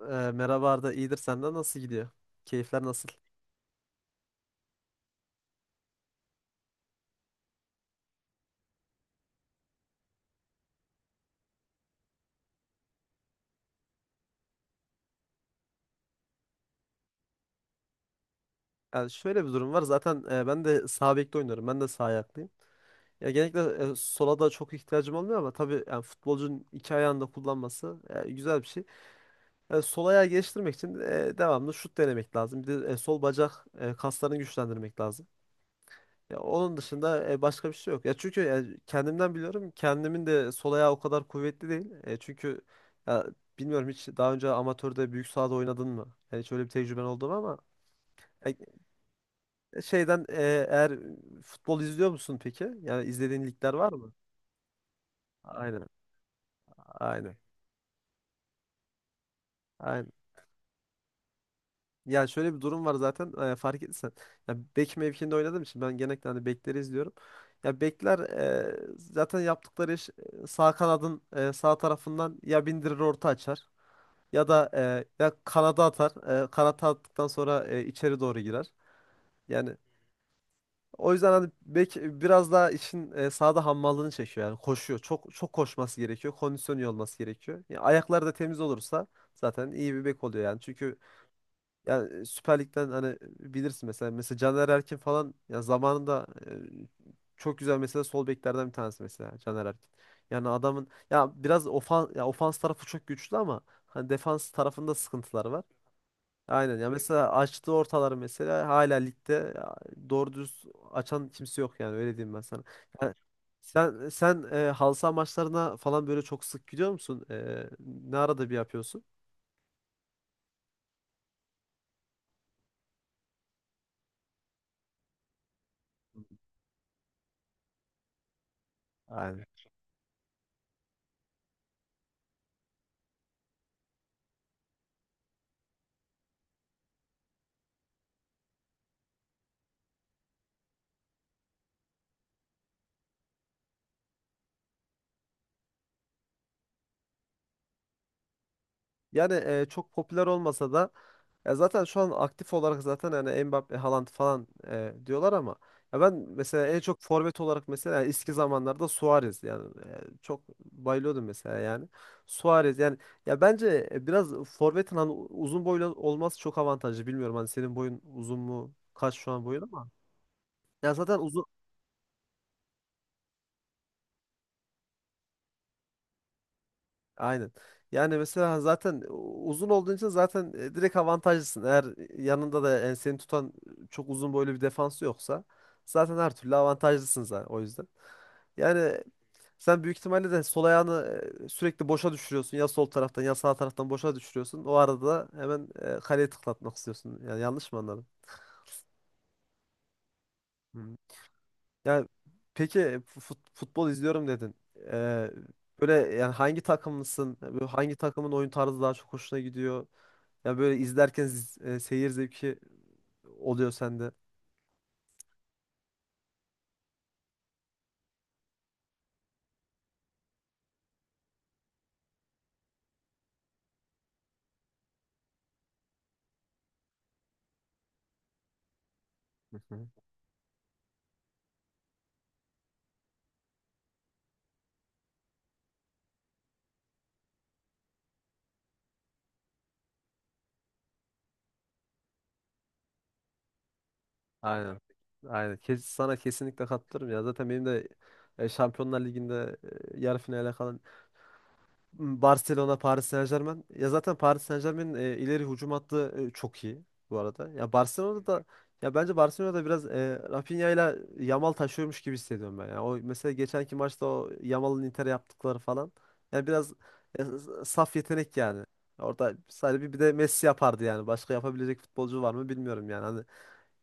Merhaba Arda, iyidir senden nasıl gidiyor? Keyifler nasıl? Yani şöyle bir durum var. Zaten ben de sağ bekte oynuyorum. Ben de sağ ayaklıyım. Ya genellikle sola da çok ihtiyacım olmuyor ama tabii yani futbolcunun iki ayağını da kullanması güzel bir şey. Sol ayağı geliştirmek için devamlı şut denemek lazım. Bir de sol bacak kaslarını güçlendirmek lazım. Ya onun dışında başka bir şey yok. Ya çünkü ya kendimden biliyorum. Kendimin de sol ayağı o kadar kuvvetli değil. E, çünkü ya Bilmiyorum, hiç daha önce amatörde büyük sahada oynadın mı? Yani şöyle bir tecrüben oldu mu ama e, şeyden e, eğer futbol izliyor musun peki? Yani izlediğin ligler var mı? Aynen. Aynen. Aynen. Ya şöyle bir durum var zaten, fark ettiysen. Ya bek mevkiinde oynadığım için ben genellikle hani bekleri izliyorum. Ya bekler zaten yaptıkları iş sağ kanadın sağ tarafından ya bindirir orta açar ya da ya kanada atar. Kanata attıktan sonra içeri doğru girer. Yani o yüzden hani bek biraz daha işin sahada hammallığını çekiyor yani koşuyor. Çok çok koşması gerekiyor. Kondisyonu iyi olması gerekiyor. Ya ayakları da temiz olursa zaten iyi bir bek oluyor yani. Çünkü yani Süper Lig'den hani bilirsin, mesela Caner Erkin falan, ya zamanında çok güzel mesela, sol beklerden bir tanesi mesela Caner Erkin. Yani adamın ya biraz ofans, ya ofans tarafı çok güçlü ama hani defans tarafında sıkıntılar var. Aynen, ya mesela açtığı ortaları mesela hala ligde ya, doğru düz açan kimse yok yani, öyle diyeyim ben sana. Yani sen halı saha maçlarına falan böyle çok sık gidiyor musun? E, ne arada bir yapıyorsun? Aynen. Yani çok popüler olmasa da, ya zaten şu an aktif olarak zaten yani Mbappe, Haaland falan diyorlar ama ya ben mesela en çok forvet olarak mesela, yani eski zamanlarda Suarez yani, çok bayılıyordum mesela yani. Suarez yani, ya bence biraz forvetin hani uzun boylu olması çok avantajlı. Bilmiyorum hani, senin boyun uzun mu? Kaç şu an boyun ama, ya zaten uzun. Aynen. Yani mesela zaten uzun olduğun için zaten direkt avantajlısın. Eğer yanında da enseni tutan çok uzun boylu bir defans yoksa zaten her türlü avantajlısın zaten, o yüzden. Yani sen büyük ihtimalle de sol ayağını sürekli boşa düşürüyorsun. Ya sol taraftan ya sağ taraftan boşa düşürüyorsun. O arada da hemen kaleye tıklatmak istiyorsun. Yani yanlış mı anladım? Hı. Yani peki, futbol izliyorum dedin. Ee, Böyle yani, hangi takımlısın? Böyle hangi takımın oyun tarzı daha çok hoşuna gidiyor? Ya böyle izlerken seyir zevki oluyor sende. Hı hı. Aynen. Aynen. Kes, sana kesinlikle katılırım ya. Zaten benim de Şampiyonlar Ligi'nde yarı finale kalan Barcelona, Paris Saint-Germain. Ya zaten Paris Saint-Germain'in ileri hücum hattı çok iyi bu arada. Ya Barcelona'da da, ya bence Barcelona'da biraz Rafinha ile Yamal taşıyormuş gibi hissediyorum ben. Yani o mesela geçenki maçta o Yamal'ın Inter'e yaptıkları falan. Yani biraz e, saf yetenek yani. Orada sadece bir de Messi yapardı yani. Başka yapabilecek futbolcu var mı, bilmiyorum yani. Hani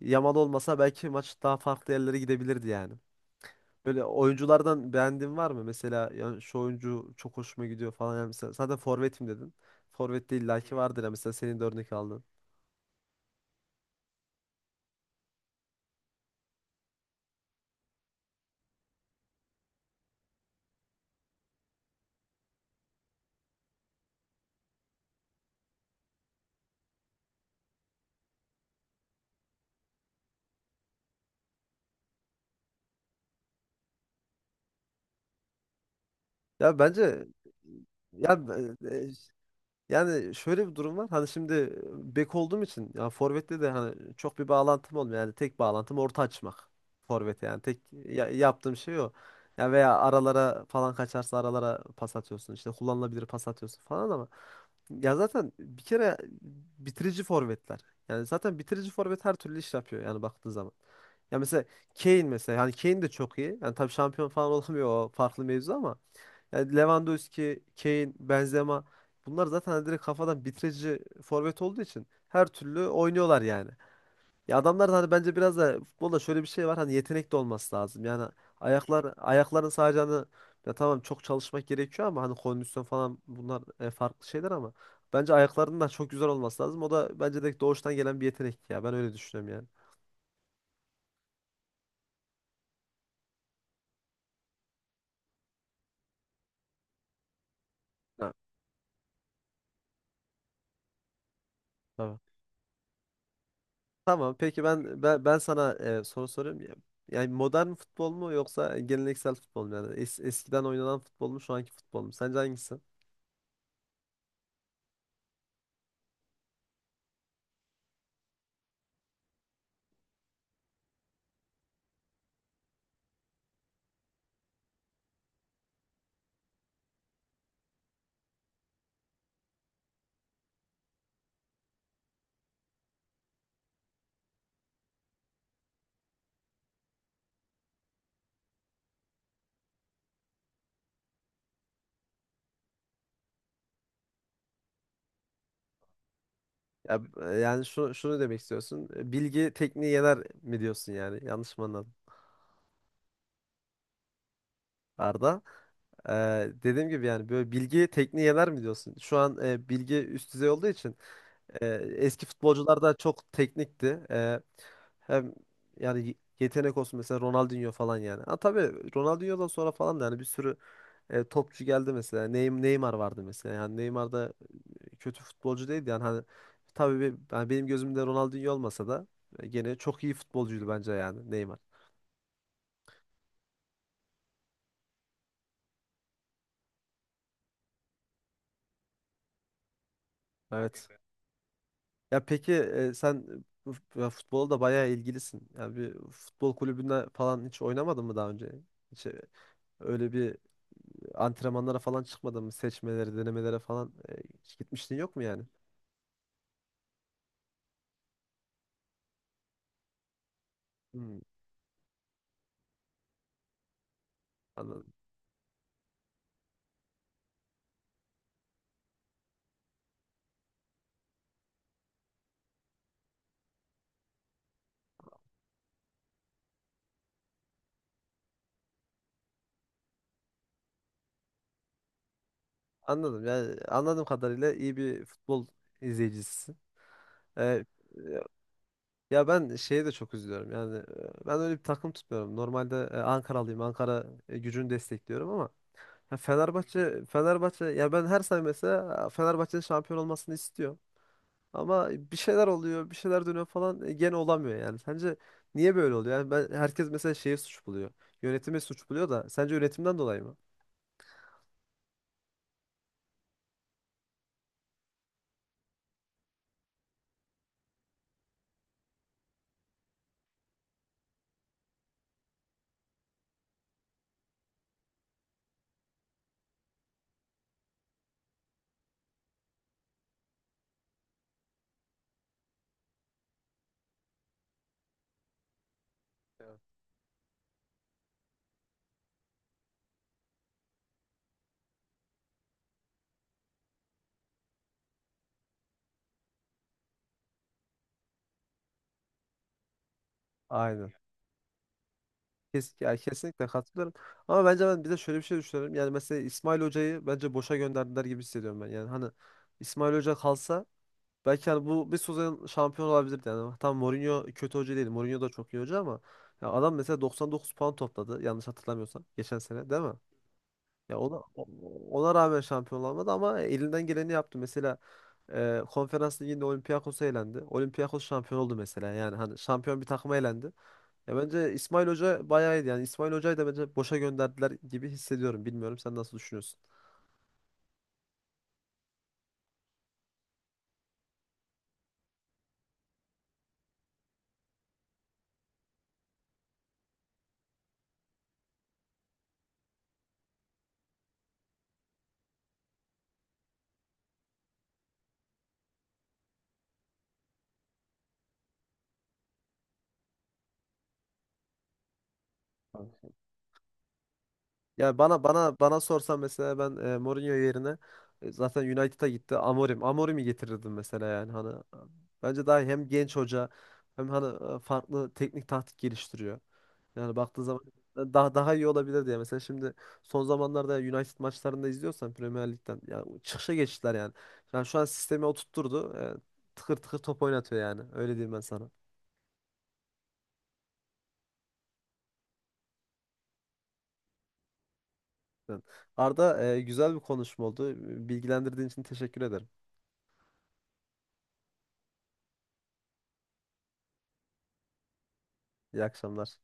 Yamal olmasa belki maç daha farklı yerlere gidebilirdi yani. Böyle oyunculardan beğendiğin var mı? Mesela yani şu oyuncu çok hoşuma gidiyor falan. Yani mesela zaten forvetim dedin. Forvette illaki vardır ya, mesela senin de örnek aldın. Ya bence ya, e, e, yani şöyle bir durum var. Hani şimdi bek olduğum için, ya forvette de hani çok bir bağlantım olmuyor. Yani tek bağlantım orta açmak. Forvete yani tek yaptığım şey o. Ya veya aralara falan kaçarsa aralara pas atıyorsun. İşte kullanılabilir pas atıyorsun falan ama, ya zaten bir kere bitirici forvetler. Yani zaten bitirici forvet her türlü iş yapıyor yani, baktığın zaman. Ya mesela Kane mesela, yani Kane de çok iyi. Yani tabii şampiyon falan olamıyor, o farklı mevzu ama yani Lewandowski, Kane, Benzema, bunlar zaten hani direkt kafadan bitirici forvet olduğu için her türlü oynuyorlar yani. Ya adamlar da hani, bence biraz da futbolda şöyle bir şey var, hani yetenek de olması lazım. Yani ayakların sadece hani, ya tamam çok çalışmak gerekiyor ama hani kondisyon falan bunlar farklı şeyler ama bence ayaklarının da çok güzel olması lazım. O da bence de doğuştan gelen bir yetenek ya. Ben öyle düşünüyorum yani. Ha, tabii. Tamam peki, ben sana soru soruyorum. Yani modern futbol mu yoksa geleneksel futbol mu, yani eskiden oynanan futbol mu, şu anki futbol mu? Sence hangisi? Ya, yani şunu demek istiyorsun. E, bilgi tekniği yener mi diyorsun yani? Yanlış mı anladım Arda? Ee, Dediğim gibi yani, böyle bilgi tekniği yener mi diyorsun? Şu an bilgi üst düzey olduğu için e, eski futbolcular da çok teknikti. E, hem yani yetenek olsun, mesela Ronaldinho falan yani. Ha tabii, Ronaldinho'dan sonra falan da yani bir sürü topçu geldi mesela. Neymar vardı mesela. Yani Neymar da kötü futbolcu değildi yani hani, tabii yani benim gözümde Ronaldinho olmasa da gene çok iyi futbolcuydu bence yani, Neymar. Evet. Ya peki sen bu ya futbola da bayağı ilgilisin. Yani bir futbol kulübünde falan hiç oynamadın mı daha önce? Hiç öyle bir antrenmanlara falan çıkmadın mı? Seçmelere, denemelere falan hiç gitmiştin, yok mu yani? Hmm, anladım. Anladım. Yani anladığım kadarıyla iyi bir futbol izleyicisisin. E, ya ben şeye de çok üzülüyorum. Yani ben öyle bir takım tutmuyorum. Normalde Ankaralıyım. Ankara gücünü destekliyorum ama ya Fenerbahçe ya, ben her sene mesela Fenerbahçe'nin şampiyon olmasını istiyorum. Ama bir şeyler oluyor, bir şeyler dönüyor falan, gene olamıyor yani. Sence niye böyle oluyor? Yani ben, herkes mesela şeye suç buluyor. Yönetimi suç buluyor, da sence yönetimden dolayı mı? Aynen. Kes, ya kesinlikle katılıyorum. Ama bence ben bir de şöyle bir şey düşünüyorum. Yani mesela İsmail Hoca'yı bence boşa gönderdiler gibi hissediyorum ben. Yani hani İsmail Hoca kalsa belki hani bu, bir sezon şampiyon olabilirdi. Yani tam Mourinho kötü hoca değil. Mourinho da çok iyi hoca ama ya adam mesela 99 puan topladı, yanlış hatırlamıyorsam geçen sene değil mi? Ya ona, ona rağmen şampiyon olamadı ama elinden geleni yaptı. Mesela Konferans Ligi'nde Olympiakos elendi. Olympiakos şampiyon oldu mesela. Yani hani şampiyon bir takıma elendi. Ya bence İsmail Hoca bayağı iyiydi. Yani İsmail Hoca'yı da bence boşa gönderdiler gibi hissediyorum. Bilmiyorum sen nasıl düşünüyorsun? Yani bana sorsan mesela, ben Mourinho yerine zaten United'a gitti, Amorim. Amorim'i getirirdim mesela, yani hani bence daha iyi. Hem genç hoca hem hani farklı teknik taktik geliştiriyor. Yani baktığı zaman daha iyi olabilir diye. Mesela şimdi son zamanlarda United maçlarında izliyorsan, Premier Lig'den ya çıkışa geçtiler yani. Yani şu an sistemi oturtturdu. E, tıkır tıkır top oynatıyor yani. Öyle diyeyim ben sana. Yani Arda, güzel bir konuşma oldu. Bilgilendirdiğin için teşekkür ederim. İyi akşamlar.